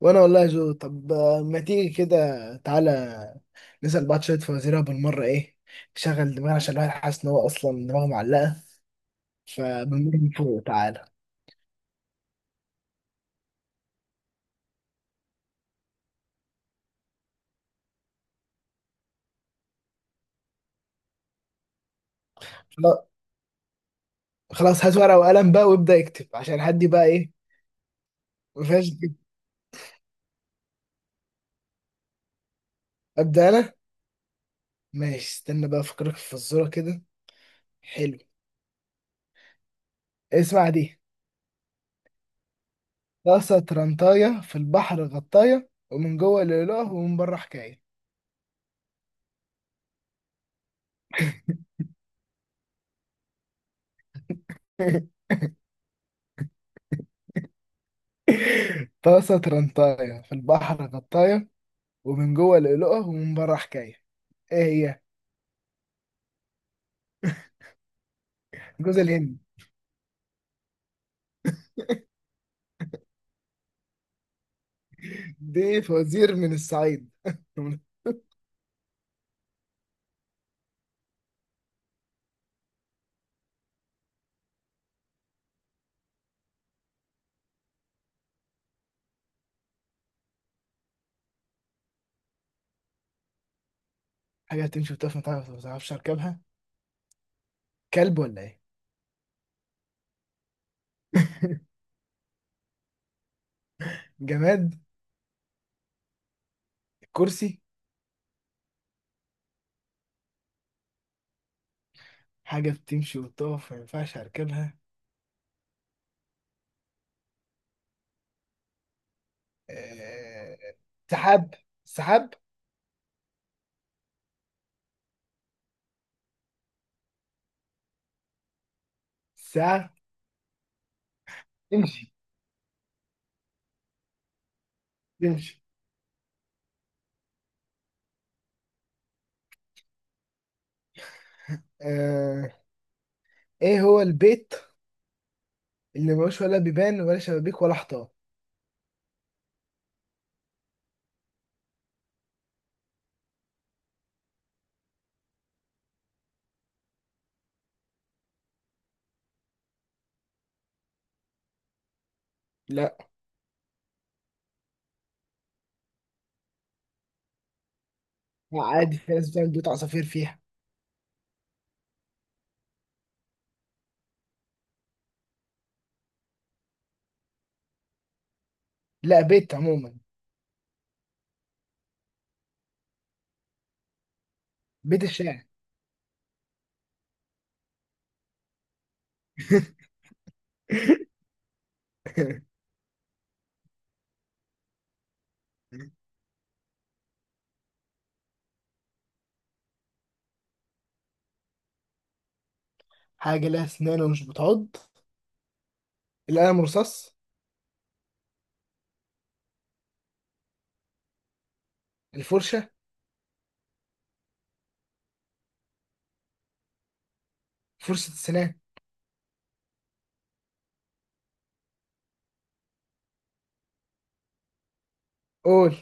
وانا والله جو. طب ما تيجي كده، تعالى نسأل بعض شوية فوازير بالمرة. ايه شغل دماغنا، عشان الواحد حاسس ان هو اصلا دماغه معلقة فبنمر من فوق. تعالى خلا- خلاص، هات ورقة وقلم بقى وابدأ اكتب عشان حد بقى ايه ما فيهاش كده. ابدأ انا ماشي، استنى بقى افكرك في فزورة كده. حلو. اسمع دي: طاسة ترنطاية في البحر غطاية، ومن جوه لؤلؤة ومن بره حكاية. طاسة ترنطاية في البحر غطاية، ومن جوه لؤلؤة ومن بره حكاية. ايه هي؟ جوز الهند. دي فوازير من الصعيد. حاجة بتمشي وتقف، ما تعرفش اركبها. كلب ولا ايه؟ جماد. كرسي. حاجة بتمشي وتقف ما ينفعش اركبها. آه، سحاب. سحاب. ساعة. تمشي تمشي. آه، ايه هو البيت اللي ملوش ولا بيبان ولا شبابيك ولا حيطان؟ لا. لا، عادي، في ناس بتعمل بيوت عصافير فيها. لا، بيت عموما. بيت الشارع. حاجة لها أسنان ومش بتعض. القلم الرصاص. الفرشة. فرشة السنان. قول.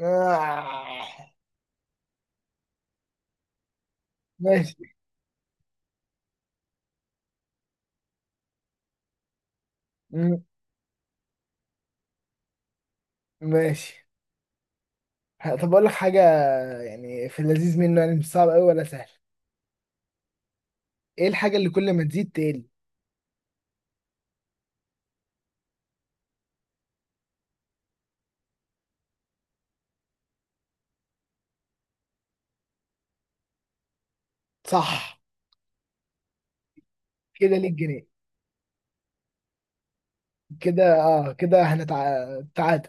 آه. ماشي. م- ماشي. طب أقول لك حاجة، يعني في اللذيذ منه، يعني مش صعب أوي ولا سهل. إيه الحاجة اللي كل ما تزيد تقل؟ صح، كده ليك جنيه. كده آه، كده هنتعادل.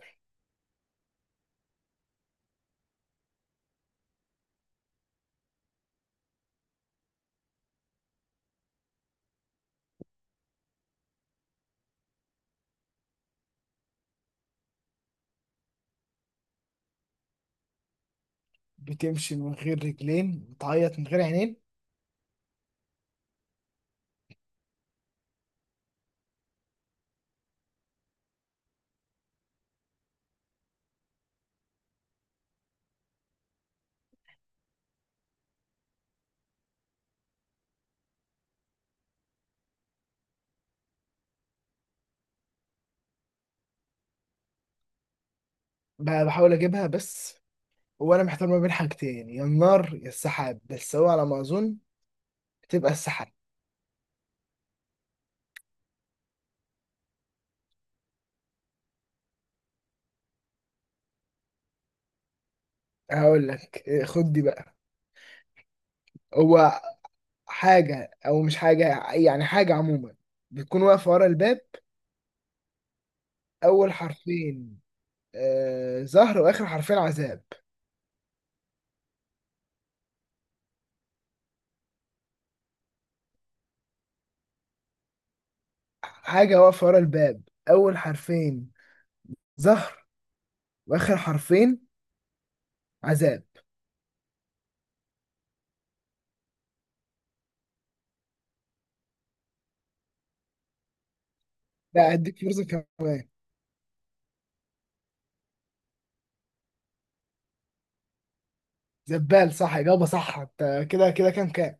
بتمشي من غير رجلين، بتعيط من غير عينين. بحاول أجيبها، بس وأنا محتار ما بين حاجتين، يا النار يا السحاب، بس هو على ما أظن تبقى السحاب. هقول لك إيه، خد دي بقى. هو حاجة أو مش حاجة، يعني حاجة عموما، بتكون واقفة ورا الباب. أول حرفين آه زهر، وآخر حرفين عذاب. حاجة واقفة ورا الباب، أول حرفين زهر، وآخر حرفين عذاب. لا، أديك فرصة كمان. زبال، صح، إجابة صح. أنت كده كده كام كام؟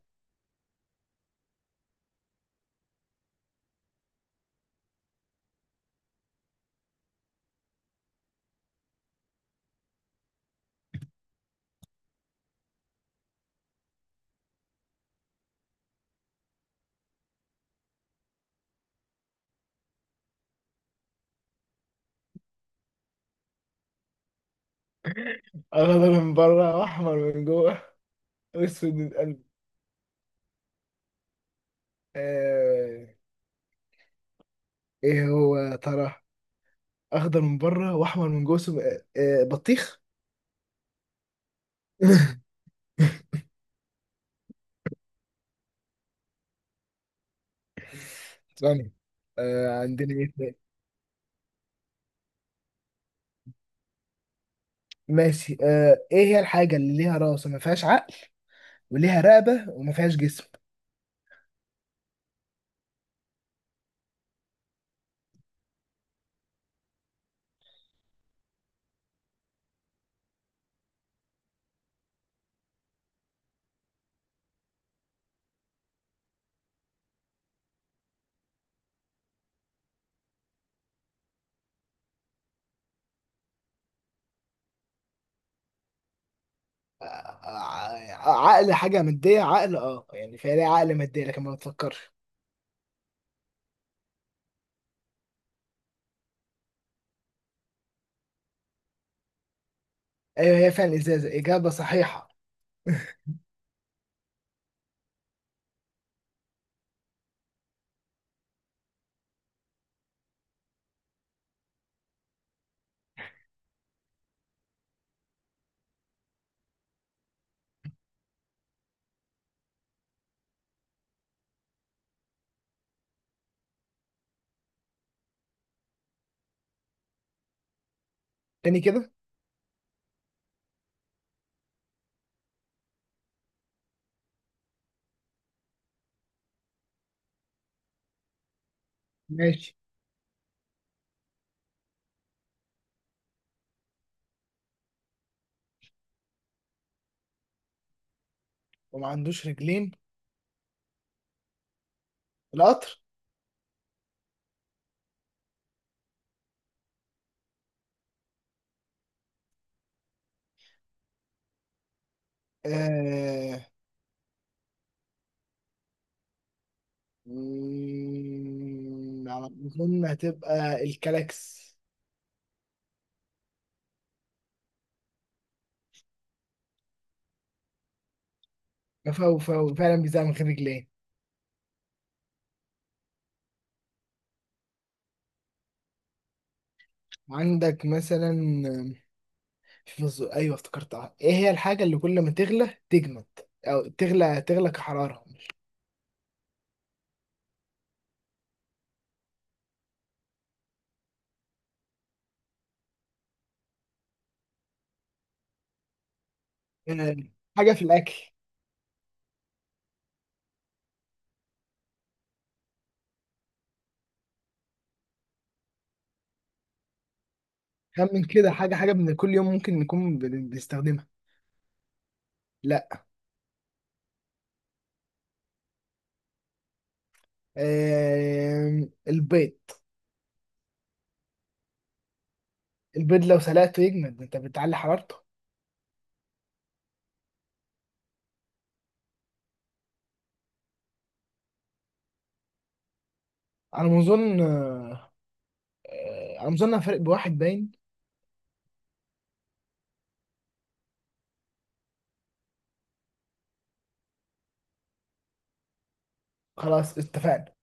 أخضر من بره وأحمر من جوه وأسود من قلب. آه. إيه هو يا ترى؟ أخضر من بره وأحمر من جوه، سم... بطيخ. ثانية. آه، عندنا ايه تاني؟ ماشي. آه، ايه هي الحاجة اللي ليها راس وما فيهاش عقل، وليها رقبة وما فيهاش جسم؟ آه آه، عقل حاجة مادية. عقل اه، يعني فيها، ليها عقل مادية لكن ما بتفكرش. ايوه، هي فعلا ازازة، اجابة صحيحة. تاني كده. ماشي. وما عندوش رجلين. القطر. آه... على ما أظن هتبقى الكلاكس. فهو فعلا بيزعل من غير رجلين. عندك مثلا، ايوه افتكرتها، ايه هي الحاجه اللي كل ما تغلى تجمد؟ او تغلى تغلى كحراره. آه، حاجه في الاكل. خمن كده، حاجه حاجه من كل يوم ممكن نكون بنستخدمها. لا. آه، البيض. البيض لو سلقته يجمد، انت بتعلي حرارته. على ما اظن على ما اظن أنا فارق بواحد باين. خلاص، اتفقنا.